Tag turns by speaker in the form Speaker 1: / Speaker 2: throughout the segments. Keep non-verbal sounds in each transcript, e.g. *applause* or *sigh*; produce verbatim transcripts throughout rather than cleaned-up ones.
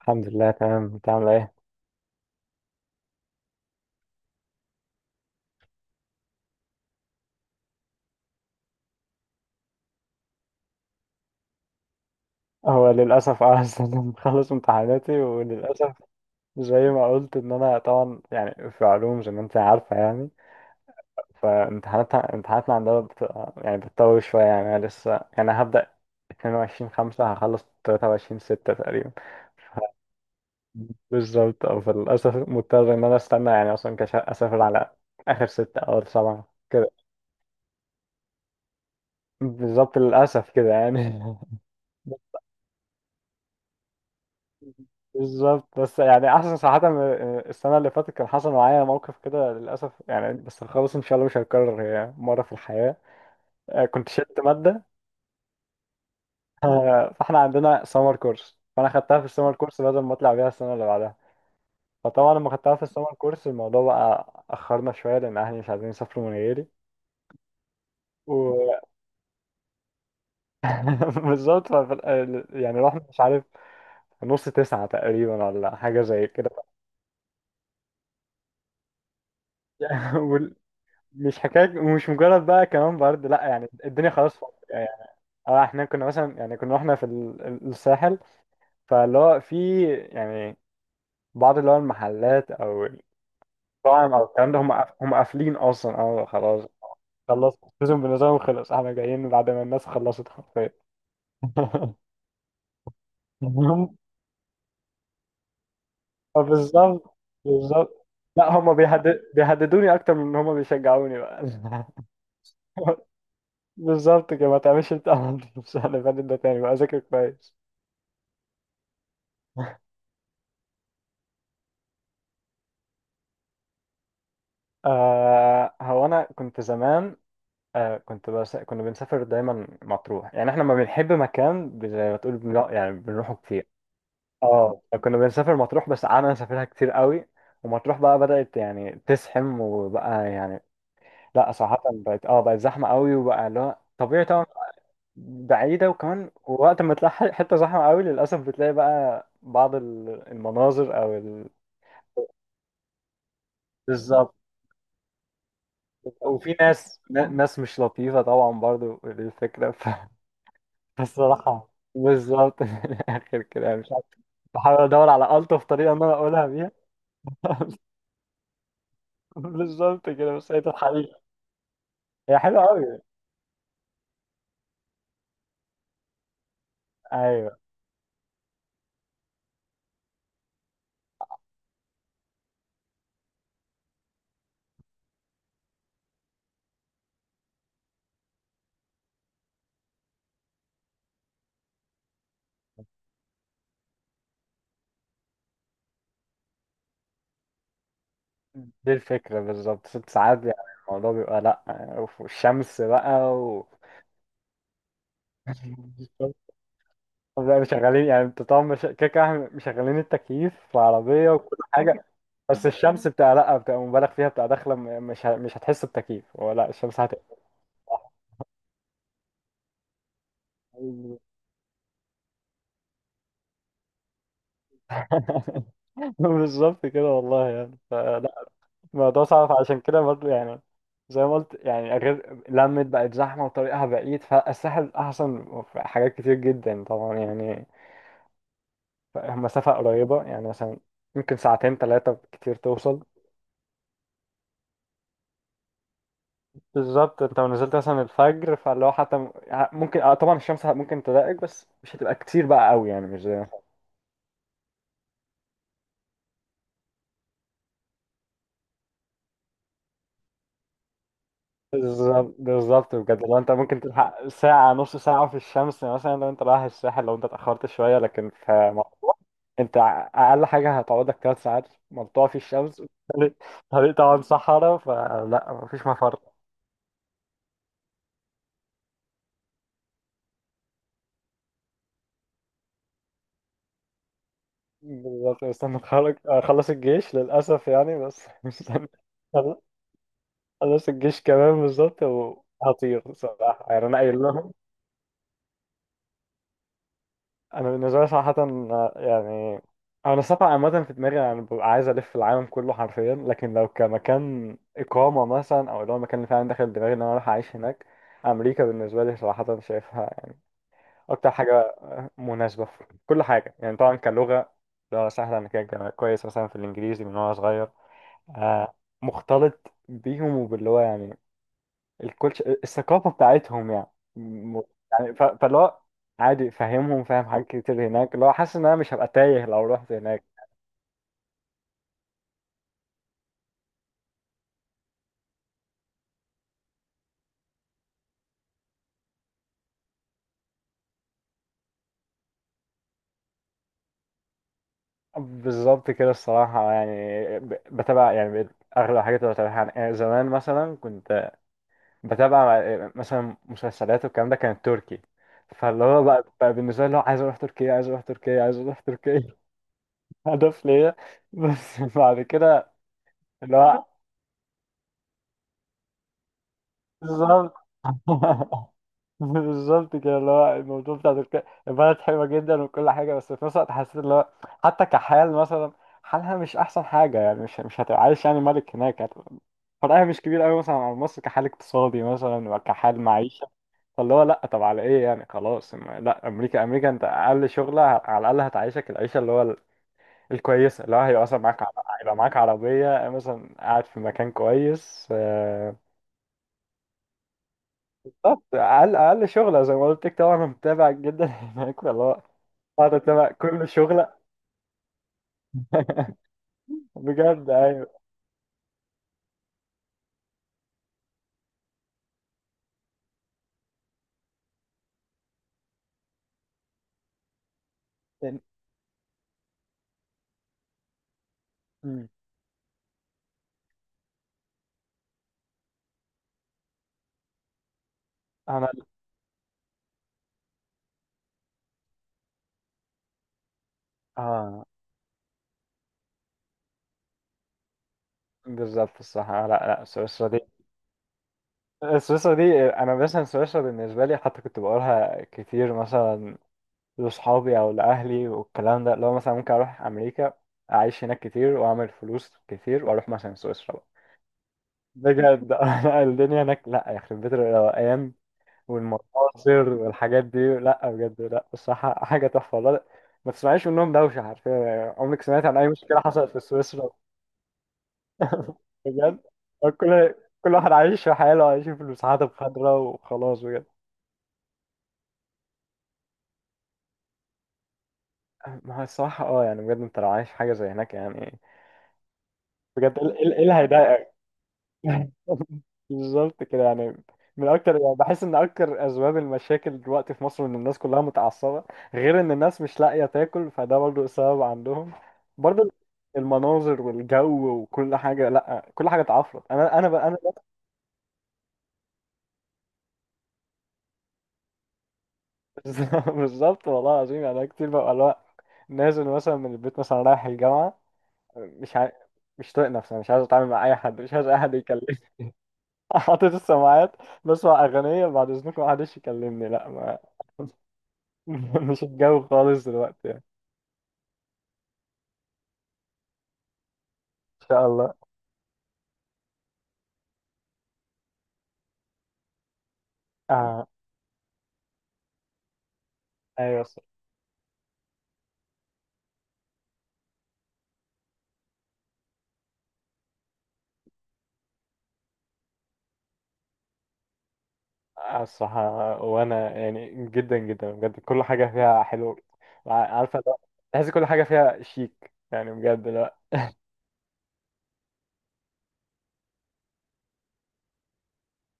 Speaker 1: الحمد لله، تمام. انت عامل ايه؟ هو للاسف اه *laughs* لسه انا مخلص امتحاناتي وللاسف. زي ما قلت ان انا طبعا يعني في علوم، زي ما انت عارفه يعني، فامتحاناتها امتحاناتنا عندنا بت... يعني بتطول شويه يعني. انا لسه يعني هبدا اتنين وعشرين خمسة هخلص تلاتة وعشرين ستة تقريبا. *laughs* ف- بالظبط اه. فللاسف مضطر ان انا استنى يعني، اصلا كش اسافر على اخر ستة او سبعة كده. بالظبط، للاسف كده يعني. *laughs* بالظبط، بس يعني احسن صراحة من- السنة اللي فاتت كان حصل معايا موقف كده للأسف يعني، بس خلاص ان شاء الله مش هيتكرر، هي مرة في الحياة. آه, كنت شلت مادة. آه, فاحنا عندنا سمر كورس، فانا خدتها في السمر كورس بدل ما اطلع بيها السنة اللي بعدها. فطبعا لما خدتها في السمر كورس الموضوع بقى اخرنا شوية، لان اهلي مش عايزين يسافروا من غيري. و *laughs* بالظبط. ففي الآ- يعني رحنا مش عارف، نص تسعة تقريبا ولا حاجة زي كده. *laughs* مش حكاية ومش مجرد بقى كمان برضه، لا يعني الدنيا خلاص فاضية يعني. اه احنا كنا مثلا يعني، كنا احنا في ال- ال- الساحل، فاللي هو في يعني بعض اللي هو المحلات او المطاعم او الكلام ده، هم قاف- هم قافلين اصلا، اه خلاص. خلاص السيزون بالنسبة لهم خلص، احنا جايين بعد ما الناس خلصت حرفيا. *laughs* هم، آه بالظبط. بالظبط. لا هم بيهدد بيهددوني اكتر من ان هم بيشجعوني بقى. *laughs* بالظبط كده، ما تعملش انت *laughs* عملت في السنة اللي فاتت ده تاني بقى، ذاكر كويس. آه، هو انا كنت زمان، آه كنت، بس كنا بنسافر دايما مطروح يعني. احنا لما بنحب مكان، ب- زي ما تقول بنروح يعني، بنروحه كتير. اه كنا بنسافر مطروح، بس قعدنا نسافرها كتير قوي، ومطروح بقى بدأت يعني تزحم وبقى يعني، لا صراحة بقت، اه بقت زحمة قوي، وبقى لا طبيعي طبعا. بعيدة وكمان، وقت ما تلاقي ح- حتة زحمة قوي للأسف، بتلاقي بقى بعض ال- المناظر أو ال... بالظبط. وفي ناس ن- ناس مش لطيفة طبعا برضو، الفكرة. الصراحة، بالظبط *laughs* من الآخر كده مش عارف، بحاول أدور على ألطف طريقة إن أنا أقولها بيها. *laughs* بالظبط كده، بس هي دي الحقيقة. هي حلوة أوي. أيوه، دي الفكرة بالظبط، ست ساعات يعني. الموضوع بيبقى لأ، وفي الشمس بقى و *laughs* لا مشغلين يعني، انت طبعا مش... كده كده احنا مشغلين التكييف في العربية وكل حاجة. بس الشمس بتبقى لأ، بتبقى مبالغ فيها، بتبقى داخلة م- مش ه... مش هتحس بتكييف، ولا الشمس هتبقى. *laughs* بالظبط كده والله يعني. الموضوع صعب عشان كده برضه يعني. زي ما قلت يعني، غير لمت بقت زحمة وطريقها بعيد، فالساحل أحسن في حاجات كتير جدا طبعا يعني. ف- مسافة قريبة يعني مثلا، ممكن ساعتين تلاتة كتير توصل. بالظبط، انت لو نزلت مثلا الفجر، فاللي هو حتى م- ممكن، اه طبعا الشمس ممكن تضايقك، بس مش هتبقى كتير بقى قوي يعني، مش زي. بالظبط بالظبط بجد، لو انت ممكن تلحق ساعة نص ساعة في الشمس مثلا لو انت رايح الساحل، لو انت اتأخرت شوية، لكن في مطروح انت ع- أقل حاجة هتقعدك تلات ساعات مقطوع في الشمس. طريق، طريق طبعا صحراء، فلا مفيش مفر. بالظبط، مستني اتخرج اخلص الجيش للأسف يعني بس. *laughs* مستني اخلص الجيش كمان، بالظبط، وهطير صراحة يعني، انا قايل لهم. انا بالنسبه لي صراحه يعني، انا السفر عامه في دماغي يعني، ببقى عايز الف العالم كله حرفيا، لكن لو كمكان اقامه مثلا، او اللي هو المكان اللي فعلا داخل دماغي ان انا اروح اعيش هناك، امريكا بالنسبه لي صراحه شايفها اكتر حاجه مناسبه في كل حاجه يعني. طبعا كلغه، لغه سهله، انا كده كويس مثلا في الانجليزي من وانا صغير. آه, مختلط بيهم وباللي هو يعني الكلتش، الثقافة بتاعتهم يعني. م- يعني ف... فاللي هو عادي فاهمهم، فاهم حاجات كتير هناك، اللي هو حاسس ان انا مش هبقى تايه لو رحت هناك. بالظبط كده الصراحة يعني. ب- بتابع يعني، بقيت اغلب الحاجات اللي بتابعها عن- يعني آه, زمان مثلا كنت بتابع آه, مثلا مسلسلات والكلام ده كان تركي. فاللي هو بقى, بقى بالنسبة لي اللي هو عايز اروح تركيا، عايز اروح تركيا، عايز اروح تركيا. *laughs* هدف ليا. بس بعد كده اللي هو، بالظبط. *laughs* بالظبط كده، اللي هو الموضوع بتاع تركيا، البلد حلوه جدا وكل حاجه، بس في نفس الوقت حسيت اللي هو حتى كحال مثلا، حالها مش احسن حاجه يعني، مش مش هتبقى عايش يعني ملك هناك، هتبقى- فرقها مش كبير قوي مثلا عن مصر، كحال اقتصادي مثلا وكحال معيشه. فاللي هو لا، طب على ايه يعني؟ خلاص ما- لا امريكا، امريكا انت اقل شغله على الاقل هتعيشك العيشه اللي هو ال- الكويسه، اللي هو هيبقى مثلا معاك ع- هيبقى معاك عربيه مثلا، قاعد في مكان كويس آه. بالظبط، اقل اقل شغله زي ما قلت لك، طبعا انا متابع جدا هناك والله، قاعد اتابع كل شغله. *laughs* بجد ايوه. أمم. انا، اه بالظبط الصح آه, لا لا سويسرا دي، سويسرا دي، انا مثلا سويسرا بالنسبه لي حتى كنت بقولها كتير مثلا لاصحابي او لاهلي والكلام ده، لو مثلا ممكن اروح امريكا اعيش هناك كتير واعمل فلوس كتير واروح مثلا سويسرا بقى. بجد *laughs* لا، الدنيا هناك لا، يخرب بيت الروقان والمناظر والحاجات دي، لا بجد لا الصراحة *laughs* حاجة تحفة والله. ما تسمعيش منهم دوشة حرفيا يعني، عمرك سمعت عن أي مشكلة حصلت في سويسرا؟ *laughs* بجد، كل كل واحد عايش في حاله، عايش في المساحات الخضراء وخلاص بجد. ما هو الصراحة اه يعني بجد، انت لو عايش حاجة زي هناك يعني، بجد ايه إيه- إيه اللي هيضايقك؟ *laughs* بالظبط كده يعني. من اكتر يعني، بحس ان اكتر اسباب المشاكل دلوقتي في مصر ان الناس كلها متعصبه، غير ان الناس مش لاقيه تاكل فده برضو سبب عندهم، برضو المناظر والجو وكل حاجه، لا كل حاجه اتعفرت انا انا بقى انا *laughs* بقى- بالظبط والله العظيم يعني. أنا كتير ببقى اللي هو نازل مثلا من البيت مثلا رايح الجامعه، مش عاي... مش طايق نفسي، مش عايز اتعامل مع اي حد، مش عايز اي حد يكلمني. *laughs* حاطط السماعات، بسمع اغنيه، بعد اذنكم ما حدش يكلمني، لا ما. *laughs* مش الجو خالص دلوقتي يعني. ان شاء الله. آه. ايوه. الص- آه, الصراحه، وانا يعني جدا جدا بجد كل حاجه فيها حلو. عارفه لو، تحس كل حاجه فيها شيك يعني بجد لا.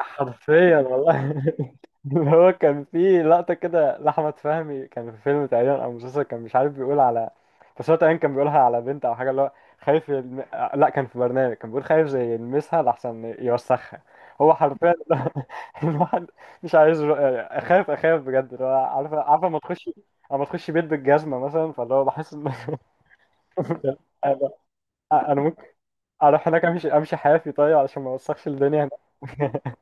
Speaker 1: حرفيا والله. *laughs* اللي هو كان في لقطة كده لأحمد فهمي، كان في فيلم تقريبا أو مسلسل، كان مش عارف بيقول على، بس هو تقريبا كان بيقولها على بنت أو حاجة اللي هو خايف يلم... آه, لأ كان في برنامج كان بيقول خايف زي يلمسها لأحسن يوسخها. هو حرفيا. *laughs* الواحد مش عايز رو... يعني أخاف، أخاف بجد، اللي هو عارفة عارفة أما تخش، أما تخش بيت بالجزمة مثلا، فاللي هو بحس إن. *laughs* أنا، أنا ممكن أروح هناك أمشي، أمشي حافي طيب علشان ما أوسخش الدنيا هناك.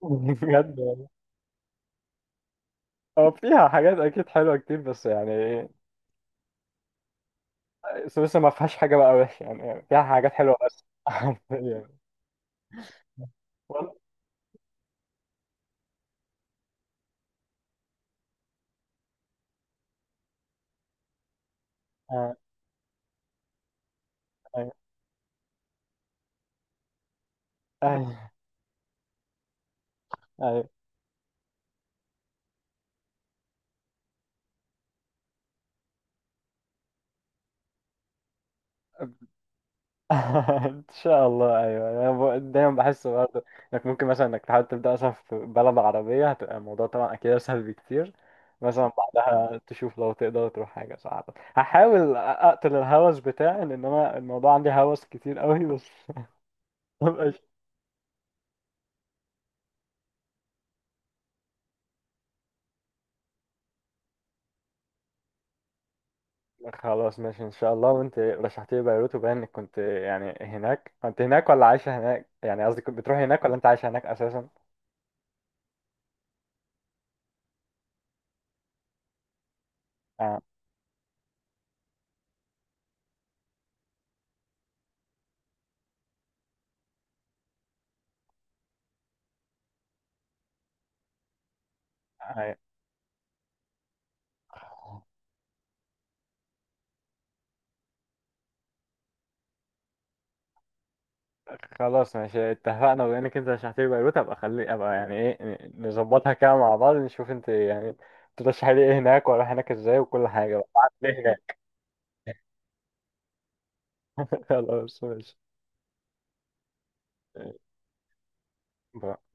Speaker 1: *laughs* بجد. هو فيها حاجات اكيد حلوه كتير بس يعني، سويسرا ما فيهاش حاجه بقى وحشه يعني، فيها حاجات حلوه بس *laughs* يعني. والله. آه, ايوه. ايوه. أيوة. *laughs* ان شاء الله ايوه انا، ب- دايما بحس برضه انك ممكن مثلا انك تحاول تبدا مثلا في بلد عربيه، هتبقى الموضوع طبعا اكيد اسهل بكتير. مثلا بعدها تشوف لو تقدر تروح حاجه صعبه، هحاول اقتل الهوس بتاعي لان انا الموضوع عندي هوس كتير قوي بس. *laughs* خلاص ماشي ان شاء الله. وانت رشحت لي بيروت، وباين انك كنت يعني هناك، كنت هناك ولا عايشه هناك؟ يعني قصدي، كنت بتروح هناك ولا انت عايشه هناك اساسا؟ آه. آه. يعني خلاص ماشي، اتفقنا. بما انك انت رشحت لي بيروت، ابقى خلي ابقى يعني ايه، ن- نظبطها كده مع بعض، نشوف انت يعني ترشحي لي ايه هناك، واروح هناك ازاي وكل حاجه بقى. *laughs* ليه هناك. خلاص ماشي. باي.